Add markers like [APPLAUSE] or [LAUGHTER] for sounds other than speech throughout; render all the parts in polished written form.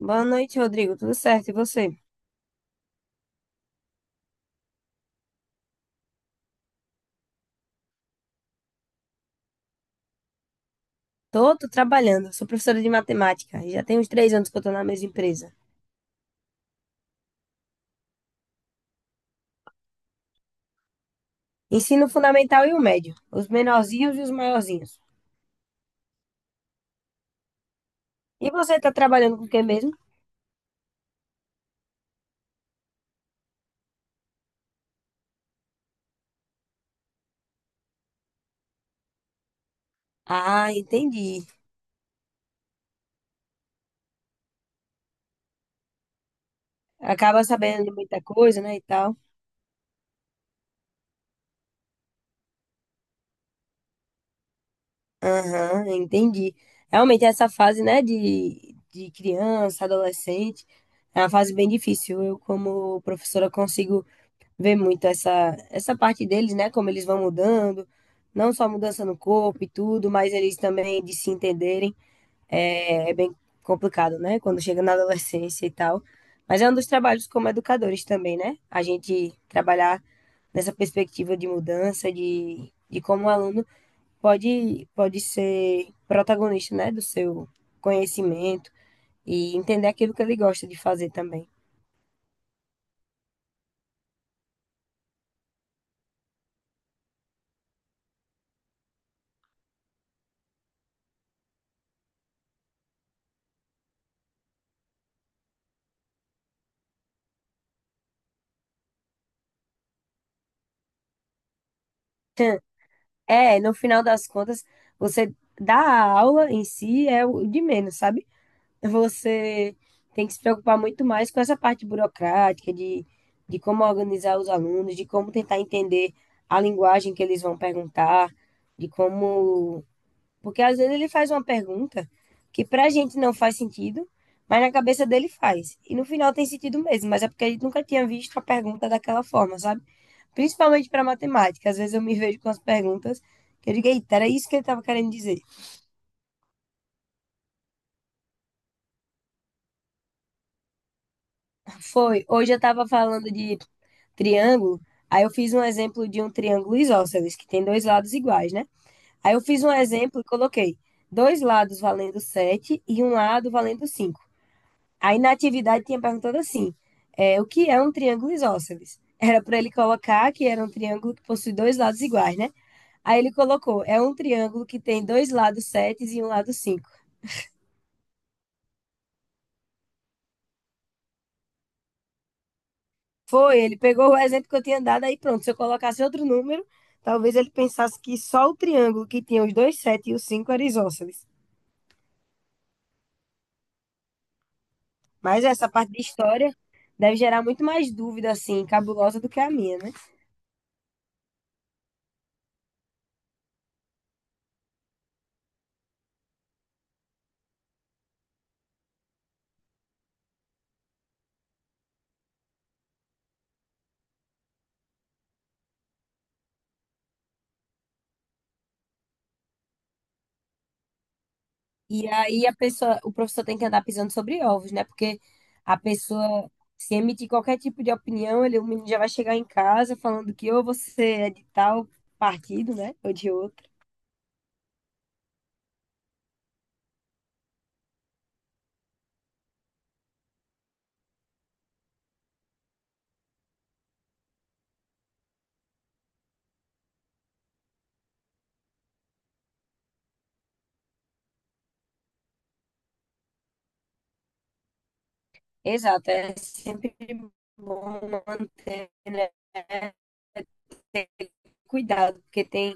Boa noite, Rodrigo. Tudo certo? E você? Tô trabalhando. Sou professora de matemática. E já tem uns 3 anos que eu tô na mesma empresa. Ensino fundamental e o médio. Os menorzinhos e os maiorzinhos. E você tá trabalhando com o que mesmo? Ah, entendi. Acaba sabendo de muita coisa, né, e tal. Aham, entendi. Realmente essa fase, né, de criança, adolescente, é uma fase bem difícil. Eu, como professora, consigo ver muito essa parte deles, né? Como eles vão mudando, não só mudança no corpo e tudo, mas eles também de se entenderem. É bem complicado, né? Quando chega na adolescência e tal. Mas é um dos trabalhos como educadores também, né? A gente trabalhar nessa perspectiva de mudança, de como o aluno pode ser protagonista, né? Do seu conhecimento e entender aquilo que ele gosta de fazer também. [LAUGHS] É, no final das contas, você dá a aula em si é o de menos, sabe? Você tem que se preocupar muito mais com essa parte burocrática, de como organizar os alunos, de como tentar entender a linguagem que eles vão perguntar, de como. Porque às vezes ele faz uma pergunta que pra gente não faz sentido, mas na cabeça dele faz. E no final tem sentido mesmo, mas é porque a gente nunca tinha visto a pergunta daquela forma, sabe? Principalmente para matemática. Às vezes eu me vejo com as perguntas que eu digo, eita, era isso que ele estava querendo dizer. Foi, hoje eu estava falando de triângulo, aí eu fiz um exemplo de um triângulo isósceles, que tem dois lados iguais, né? Aí eu fiz um exemplo e coloquei dois lados valendo 7 e um lado valendo 5. Aí na atividade tinha perguntado assim, o que é um triângulo isósceles? Era para ele colocar que era um triângulo que possui dois lados iguais, né? Aí ele colocou, é um triângulo que tem dois lados 7 e um lado 5. Foi, ele pegou o exemplo que eu tinha dado, aí pronto. Se eu colocasse outro número, talvez ele pensasse que só o triângulo que tinha os dois sete e os cinco era isósceles. Mas essa parte de história deve gerar muito mais dúvida, assim, cabulosa do que a minha, né? E aí a pessoa, o professor tem que andar pisando sobre ovos, né? Porque a pessoa, se emitir qualquer tipo de opinião, ele, o menino já vai chegar em casa falando que ou você é de tal partido, né? Ou de outro. Exato, é sempre bom manter, né? Cuidado, porque tem,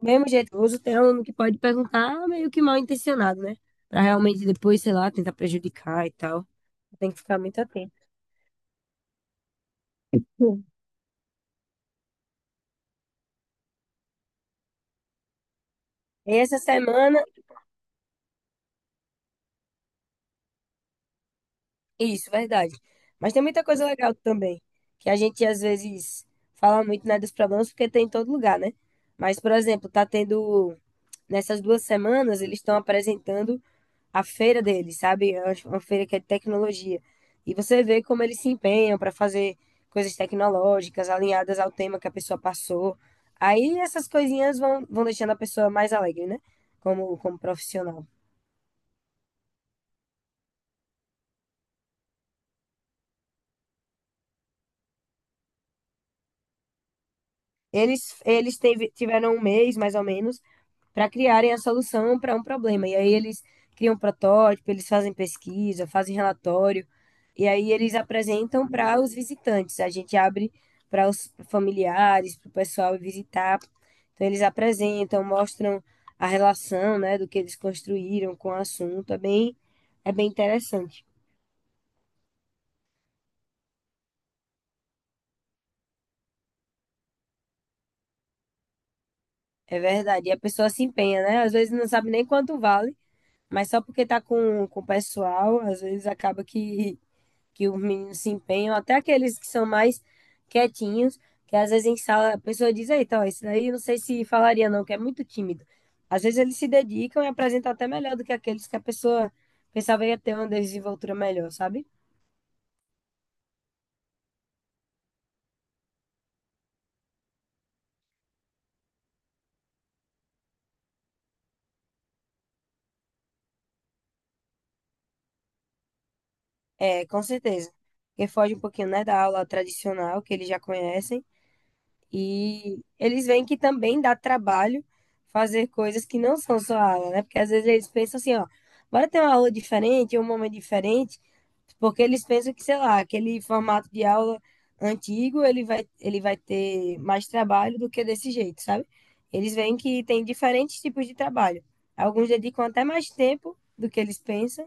do mesmo jeito que eu uso, tem aluno que pode perguntar meio que mal intencionado, né? Pra realmente depois, sei lá, tentar prejudicar e tal. Tem que ficar muito atento. Sim. E essa semana, isso, verdade. Mas tem muita coisa legal também, que a gente às vezes fala muito, né, dos problemas, porque tem em todo lugar, né? Mas, por exemplo, tá tendo, nessas 2 semanas, eles estão apresentando a feira deles, sabe? É uma feira que é de tecnologia. E você vê como eles se empenham para fazer coisas tecnológicas alinhadas ao tema que a pessoa passou. Aí essas coisinhas vão deixando a pessoa mais alegre, né? Como profissional. Eles tiveram um mês, mais ou menos, para criarem a solução para um problema. E aí eles criam um protótipo, eles fazem pesquisa, fazem relatório, e aí eles apresentam para os visitantes. A gente abre para os familiares, para o pessoal ir visitar. Então eles apresentam, mostram a relação, né, do que eles construíram com o assunto. É bem interessante. É verdade. E a pessoa se empenha, né? Às vezes não sabe nem quanto vale. Mas só porque tá com, o pessoal, às vezes acaba que os meninos se empenham, até aqueles que são mais quietinhos, que às vezes em sala a pessoa diz, eita, ó, esse daí eu não sei se falaria não, que é muito tímido. Às vezes eles se dedicam e apresentam até melhor do que aqueles que a pessoa pensava ia ter uma desenvoltura melhor, sabe? É, com certeza. Porque foge um pouquinho, né, da aula tradicional que eles já conhecem. E eles veem que também dá trabalho fazer coisas que não são só aula, né? Porque às vezes eles pensam assim, ó, bora ter uma aula diferente, um momento diferente, porque eles pensam que, sei lá, aquele formato de aula antigo, ele vai ter mais trabalho do que desse jeito, sabe? Eles veem que tem diferentes tipos de trabalho. Alguns dedicam até mais tempo do que eles pensam,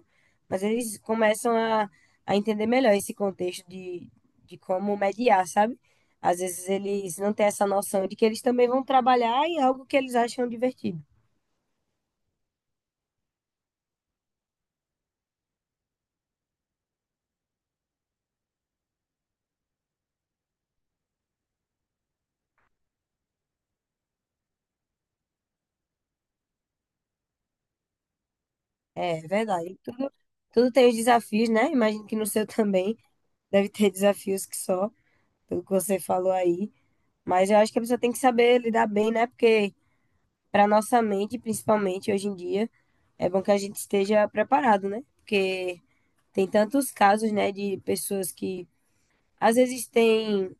mas eles começam a entender melhor esse contexto de como mediar, sabe? Às vezes eles não têm essa noção de que eles também vão trabalhar em algo que eles acham divertido. É verdade. Tudo tem os desafios, né? Imagino que no seu [LAUGHS] também deve ter desafios que só, pelo que você falou aí. Mas eu acho que a pessoa tem que saber lidar bem, né? Porque para nossa mente, principalmente hoje em dia, é bom que a gente esteja preparado, né? Porque tem tantos casos, né, de pessoas que às vezes têm,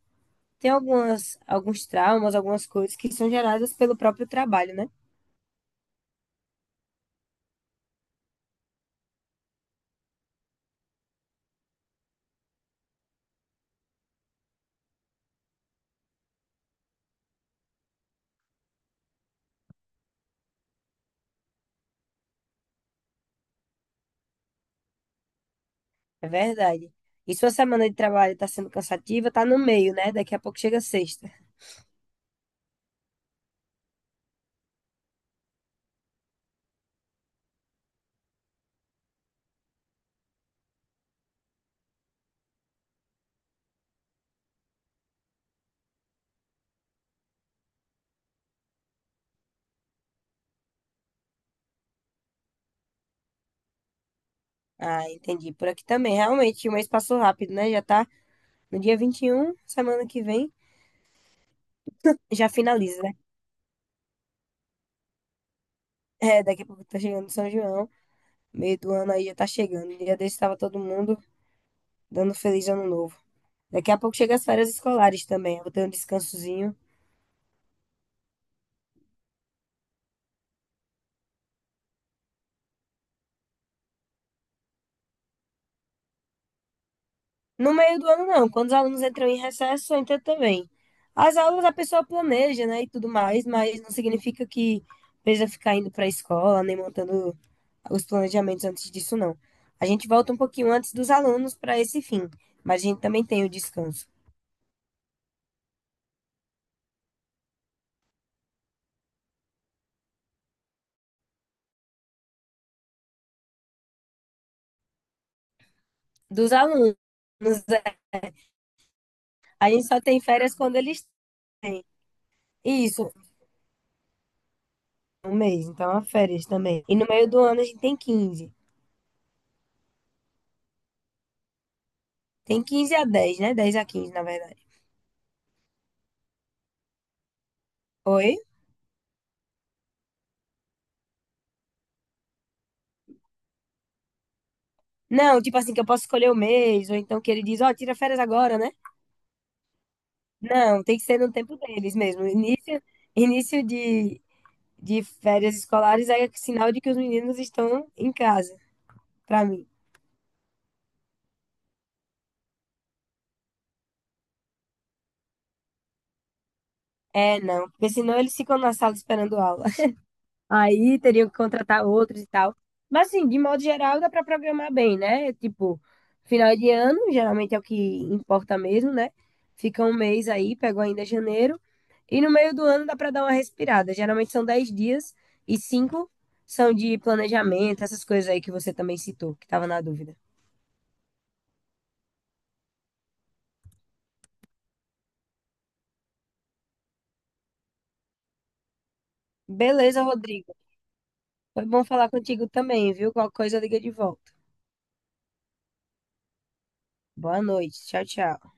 têm algumas, alguns traumas, algumas coisas que são geradas pelo próprio trabalho, né? É verdade. E sua semana de trabalho está sendo cansativa, tá no meio, né? Daqui a pouco chega sexta. Ah, entendi. Por aqui também. Realmente, o mês passou rápido, né? Já tá no dia 21 semana que vem, já finaliza, né? É, daqui a pouco tá chegando São João. Meio do ano aí já tá chegando. Dia desse tava todo mundo dando feliz ano novo. Daqui a pouco chega as férias escolares também. Eu vou ter um descansozinho. No meio do ano, não. Quando os alunos entram em recesso, entra também. As aulas a pessoa planeja, né, e tudo mais, mas não significa que precisa ficar indo para a escola, nem montando os planejamentos antes disso, não. A gente volta um pouquinho antes dos alunos para esse fim, mas a gente também tem o descanso dos alunos. é, A gente só tem férias quando eles têm. Isso, um mês, então há férias também. E no meio do ano a gente tem 15. Tem 15 a 10, né? 10 a 15, na verdade. Oi? Não, tipo assim, que eu posso escolher o mês, ou então que ele diz, ó, tira férias agora, né? Não, tem que ser no tempo deles mesmo. Início de férias escolares é sinal de que os meninos estão em casa, pra mim. É, não, porque senão eles ficam na sala esperando aula. Aí teriam que contratar outros e tal. Mas assim, de modo geral, dá para programar bem, né? Tipo, final de ano, geralmente é o que importa mesmo, né? Fica um mês aí, pego ainda janeiro. E no meio do ano dá para dar uma respirada. Geralmente são 10 dias e cinco são de planejamento, essas coisas aí que você também citou, que estava na dúvida. Beleza, Rodrigo. Foi bom falar contigo também, viu? Qualquer coisa liga de volta. Boa noite. Tchau, tchau.